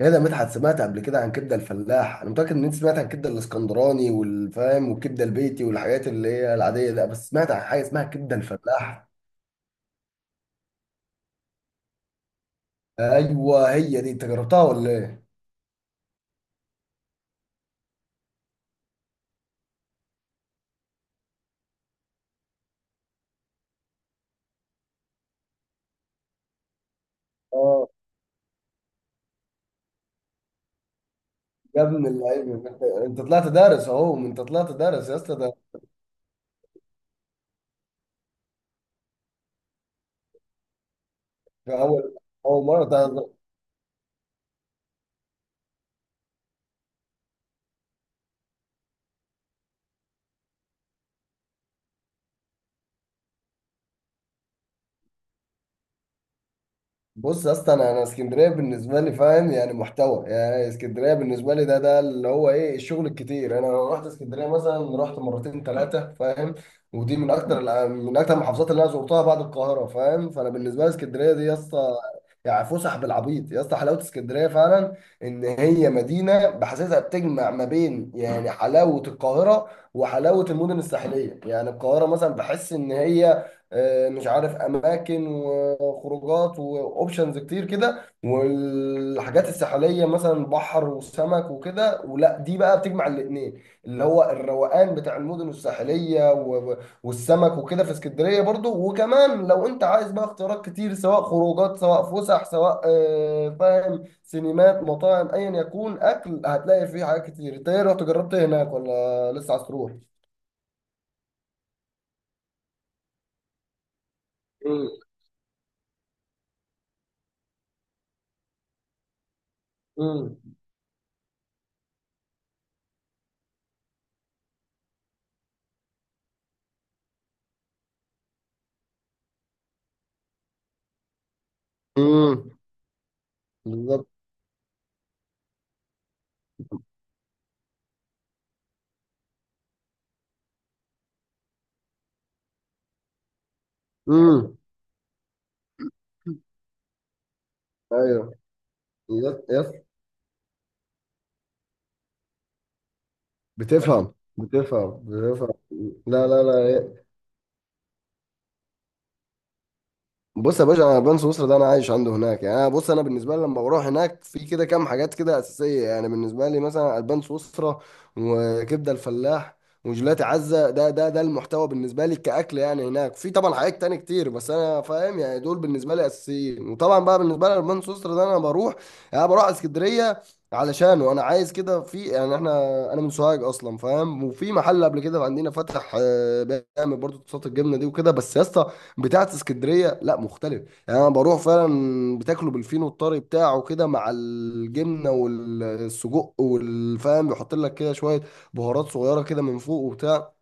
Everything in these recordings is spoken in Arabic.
يا ده مدحت، سمعت قبل كده عن كبده الفلاح؟ انا متاكد ان انت سمعت عن الكبده الاسكندراني والفام والكبده البيتي والحاجات اللي هي العاديه ده، بس سمعت عن حاجه اسمها كبده الفلاح؟ ايوه هي دي، انت جربتها ولا ايه؟ اه، يا ابن اللعيبه، انت طلعت دارس، اهو انت طلعت دارس يا اسطى ده. في اول مره ده. بص يا اسطى، انا اسكندريه بالنسبه لي، فاهم؟ يعني محتوى، يعني اسكندريه بالنسبه لي ده اللي هو ايه، الشغل الكتير، انا لو رحت اسكندريه مثلا، رحت مرتين ثلاثه، فاهم؟ ودي من اكتر من اكتر المحافظات اللي انا زرتها بعد القاهره، فاهم؟ فانا بالنسبه لي اسكندريه دي يا اسطى، يعني فسح بالعبيط يا اسطى، حلاوه اسكندريه فعلا. ان هي مدينه بحسسها بتجمع ما بين، يعني، حلاوه القاهره وحلاوه المدن الساحليه. يعني القاهره مثلا بحس ان هي مش عارف، اماكن وخروجات واوبشنز كتير كده، والحاجات الساحليه مثلا بحر وسمك وكده. ولا دي بقى بتجمع الاثنين، اللي هو الروقان بتاع المدن الساحليه والسمك وكده في اسكندريه برضو. وكمان لو انت عايز بقى اختيارات كتير، سواء خروجات، سواء فسح، سواء فاهم، سينمات، مطاعم، ايا يكون اكل، هتلاقي فيه حاجات كتير. انت ايه، رحت جربت إيه هناك ولا لسه عايز تروح؟ امم. امم. بالظبط. امم. ايوه. يس، يس. بتفهم، بتفهم، بتفهم. لا، لا، لا. بص يا باشا، انا بني سويسرا ده انا عايش عنده هناك، يعني انا، بص، انا بالنسبه لي لما بروح هناك في كده كام حاجات كده اساسيه، يعني بالنسبه لي مثلا البان سويسرا، وكبده الفلاح، وجيلاتي عزه. ده المحتوى بالنسبه لي كاكل، يعني هناك في طبعا حاجات تاني كتير بس انا، فاهم يعني، دول بالنسبه لي اساسيين. وطبعا بقى بالنسبه لي البان سويسرا ده انا بروح، يعني بروح اسكندريه علشان، وانا عايز كده في، يعني احنا، انا من سوهاج اصلا فاهم، وفي محل قبل كده عندنا فتح بيعمل برضه صوصات الجبنه دي وكده، بس يا اسطى بتاعت اسكندريه لا مختلف. يعني انا بروح فعلا بتاكله بالفينو الطري بتاعه كده، مع الجبنه والسجق والفام، بيحط لك كده شويه بهارات صغيره كده من فوق وبتاع.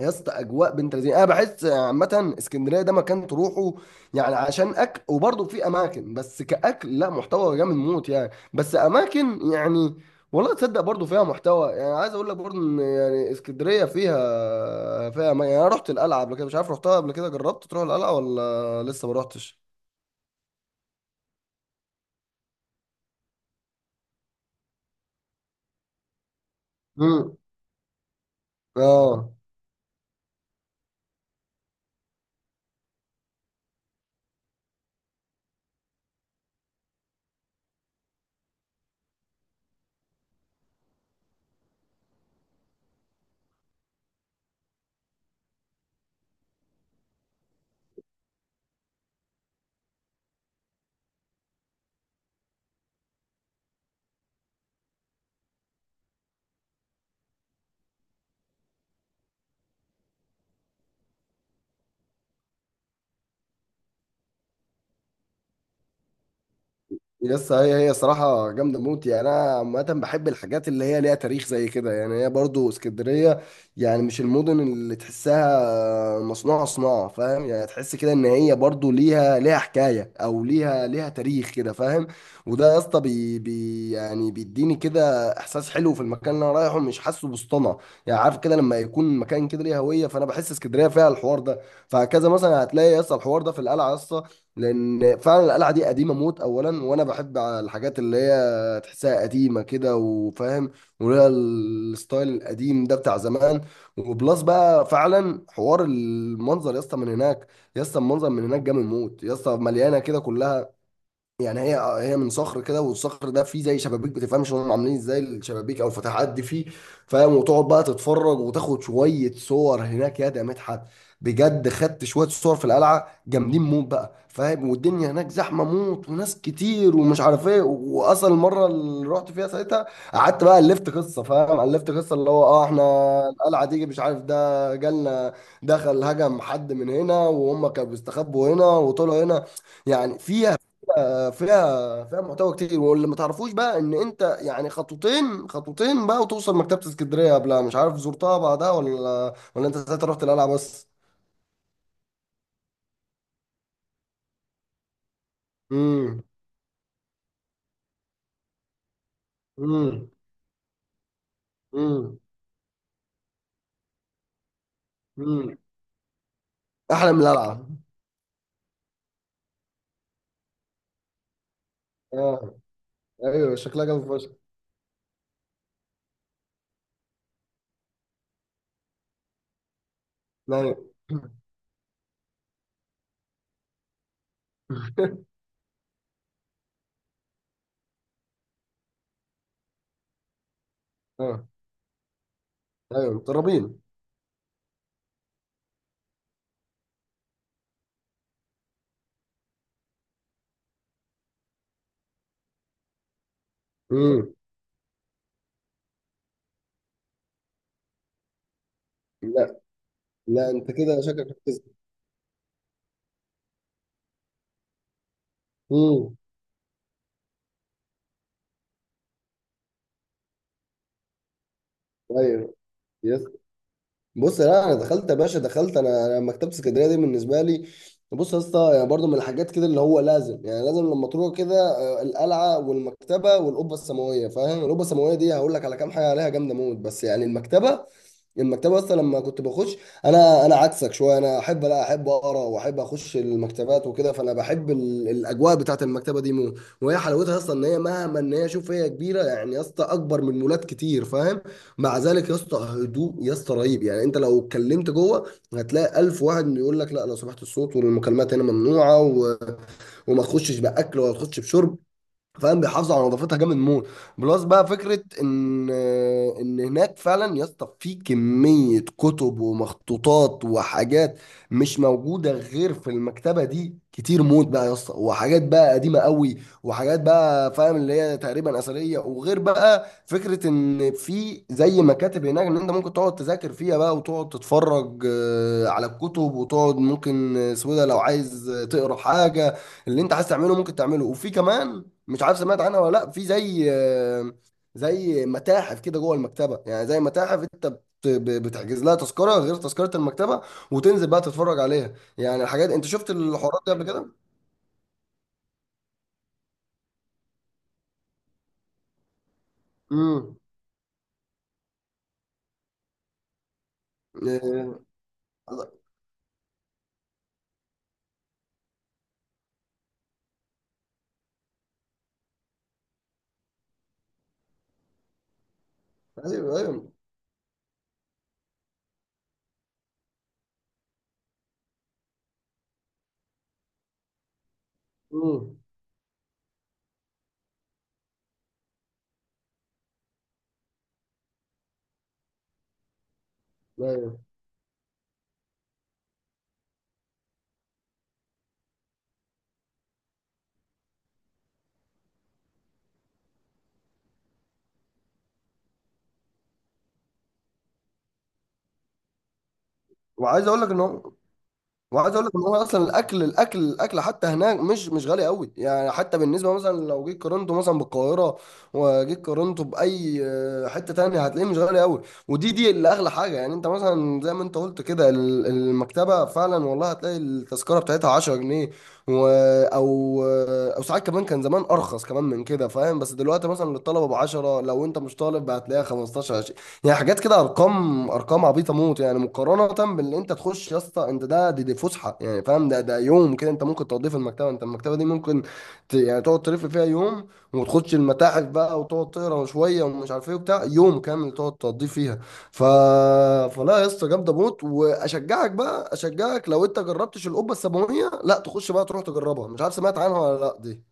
يا اسطى اجواء بنت لذينه. انا بحس عامه اسكندريه ده مكان تروحه يعني عشان اكل، وبرضه في اماكن بس كاكل لا، محتوى جامد موت، يعني بس اماكن يعني. والله تصدق برضه فيها محتوى، يعني عايز اقول لك برضه ان يعني اسكندريه فيها أماكن. يعني انا رحت القلعه قبل كده، مش عارف رحتها قبل كده، جربت تروح القلعه ولا لسه ما رحتش؟ امم. اه. يس، هي هي صراحة جامدة موت. يعني أنا عامة بحب الحاجات اللي هي ليها تاريخ زي كده. يعني هي برضو اسكندرية، يعني مش المدن اللي تحسها مصنوعة صناعة، فاهم؟ يعني تحس كده إن هي برضو ليها حكاية، أو ليها تاريخ كده، فاهم؟ وده يا اسطى بي بي يعني بيديني كده إحساس حلو في المكان اللي أنا رايحه، مش حاسه بسطنة. يعني عارف كده لما يكون مكان كده ليه هوية، فأنا بحس اسكندرية فيها الحوار ده. فهكذا مثلا هتلاقي يا اسطى الحوار ده في القلعة يا اسطى، لان فعلا القلعه دي قديمه موت اولا، وانا بحب على الحاجات اللي هي تحسها قديمه كده وفاهم، وليها الستايل القديم ده بتاع زمان. وبلس بقى فعلا حوار المنظر يا اسطى من هناك. يا اسطى المنظر من هناك جامد موت. يا اسطى مليانه كده كلها، يعني هي هي من صخر كده، والصخر ده فيه زي شبابيك، بتفهمش هم عاملين ازاي الشبابيك او الفتحات دي فيه، فاهم؟ وتقعد بقى تتفرج وتاخد شويه صور هناك. يا ده مدحت، بجد خدت شويه صور في القلعه جامدين موت بقى، فاهم؟ والدنيا هناك زحمه موت وناس كتير ومش عارف ايه، واصل المره اللي رحت فيها ساعتها قعدت بقى الفت قصه، فاهم؟ الفت قصه اللي هو، اه، احنا القلعه دي مش عارف ده جالنا، دخل هجم حد من هنا، وهم كانوا بيستخبوا هنا وطلعوا هنا، يعني. في فيها محتوى كتير. واللي ما تعرفوش بقى ان انت يعني خطوتين خطوتين بقى وتوصل مكتبة اسكندرية قبلها، مش عارف زرتها بعدها ولا انت ساعتها رحت القلعة بس؟ امم. امم. امم. امم. احلى من القلعة. اه. ايوه شكلها جامد فشخ. ايوه اه. ايوه مترابين. امم. لا، لا انت كده شكلك بتكذب. امم. ايوه. يا. بص، لا انا دخلت يا باشا، دخلت. انا مكتبه اسكندريه دي بالنسبه لي، بص يا اسطى، يعني برضه من الحاجات كده اللي هو لازم، يعني لازم لما تروح كده القلعه والمكتبه والقبه السماويه، فاهم؟ القبه السماويه دي هقول لك على كام حاجه عليها جامده موت، بس يعني المكتبه، المكتبه اصلا لما كنت بخش، انا عكسك شويه، انا احب، لا احب اقرا واحب اخش المكتبات وكده، فانا بحب الاجواء بتاعت المكتبه دي مو. وهي حلاوتها اصلا ان هي مهما، ان هي شوف، هي كبيره يعني يا اسطى، اكبر من مولات كتير، فاهم؟ مع ذلك يا اسطى هدوء يا اسطى رهيب، يعني انت لو اتكلمت جوه هتلاقي الف واحد يقول لك، لا لو سمحت الصوت والمكالمات هنا ممنوعه، و... وما تخشش باكل ولا تخش بشرب، فاهم؟ بيحافظوا على نظافتها جامد موت. بلس بقى فكره ان، ان هناك فعلا يا اسطى في كميه كتب ومخطوطات وحاجات مش موجوده غير في المكتبه دي، كتير موت بقى يا اسطى، وحاجات بقى قديمه قوي، وحاجات بقى فاهم اللي هي تقريبا اثريه. وغير بقى فكره ان في زي مكاتب هناك ان انت ممكن تقعد تذاكر فيها بقى، وتقعد تتفرج على الكتب، وتقعد ممكن سويدة لو عايز تقرا حاجه، اللي انت عايز تعمله ممكن تعمله. وفي كمان، مش عارف سمعت عنها ولا لا، في زي، زي متاحف كده جوه المكتبه، يعني زي متاحف انت بتحجز لها تذكره غير تذكره المكتبه، وتنزل بقى تتفرج عليها، يعني الحاجات. انت شفت الحوارات دي قبل كده؟ امم. ايوه، ايوه. امم. ايوه. وعايز اقول لك ان هو وعايز اقول لك ان هو اصلا الاكل، الاكل حتى هناك مش غالي قوي، يعني حتى بالنسبه مثلا لو جيت قارنته مثلا بالقاهره، وجيت قارنته باي حته تانية، هتلاقيه مش غالي قوي. ودي دي اللي اغلى حاجه، يعني انت مثلا زي ما انت قلت كده، المكتبه فعلا والله هتلاقي التذكره بتاعتها 10 جنيه، و، او، او ساعات كمان كان زمان ارخص كمان من كده، فاهم؟ بس دلوقتي مثلا للطلبه ب 10، لو انت مش طالب هتلاقيها 15. يعني حاجات كده ارقام، ارقام عبيطه موت، يعني مقارنه باللي انت تخش يا اسطى. انت ده دي فسحه يعني، فاهم؟ ده ده يوم كده انت ممكن تقضيه في المكتبه، انت المكتبه دي ممكن يعني تقعد تلف فيها يوم، وتخش المتاحف بقى، وتقعد تقرا شويه ومش عارف ايه وبتاع، يوم كامل تقعد تقضيه فيها. ف... فلا يا اسطى جامده موت. واشجعك بقى، اشجعك لو انت جربتش القبه السماويه، لا تخش بقى تروح تجربها، مش عارف سمعت عنها ولا لا دي.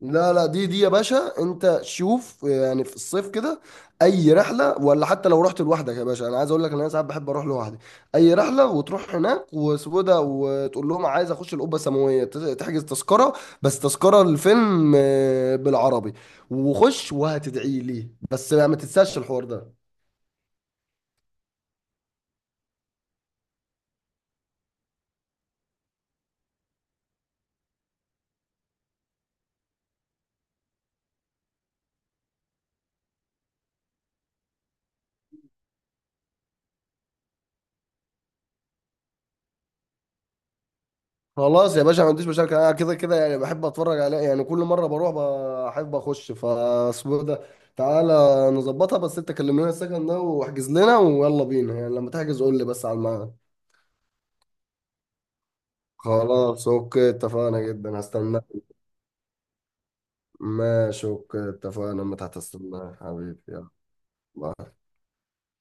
لا لا، دي دي يا باشا انت شوف يعني في الصيف كده اي رحله، ولا حتى لو رحت لوحدك يا باشا، انا عايز اقول لك ان انا ساعات بحب اروح لوحدي. اي رحله، وتروح هناك وسوده وتقول لهم عايز اخش القبه السماويه، تحجز تذكره، بس تذكره الفيلم بالعربي، وخش وهتدعي لي. بس ما تنساش الحوار ده. خلاص يا باشا ما عنديش مشاكل، انا كده كده يعني بحب اتفرج عليه يعني كل مره بروح، بحب اخش فاسمه ده. تعالى نظبطها، بس انت كلم لنا السكن ده واحجز لنا ويلا بينا، يعني لما تحجز قول لي بس على الميعاد. خلاص، اوكي، اتفقنا جدا، هستناك. ماشي اوكي اتفقنا، ما تحت استناك حبيبي، يلا.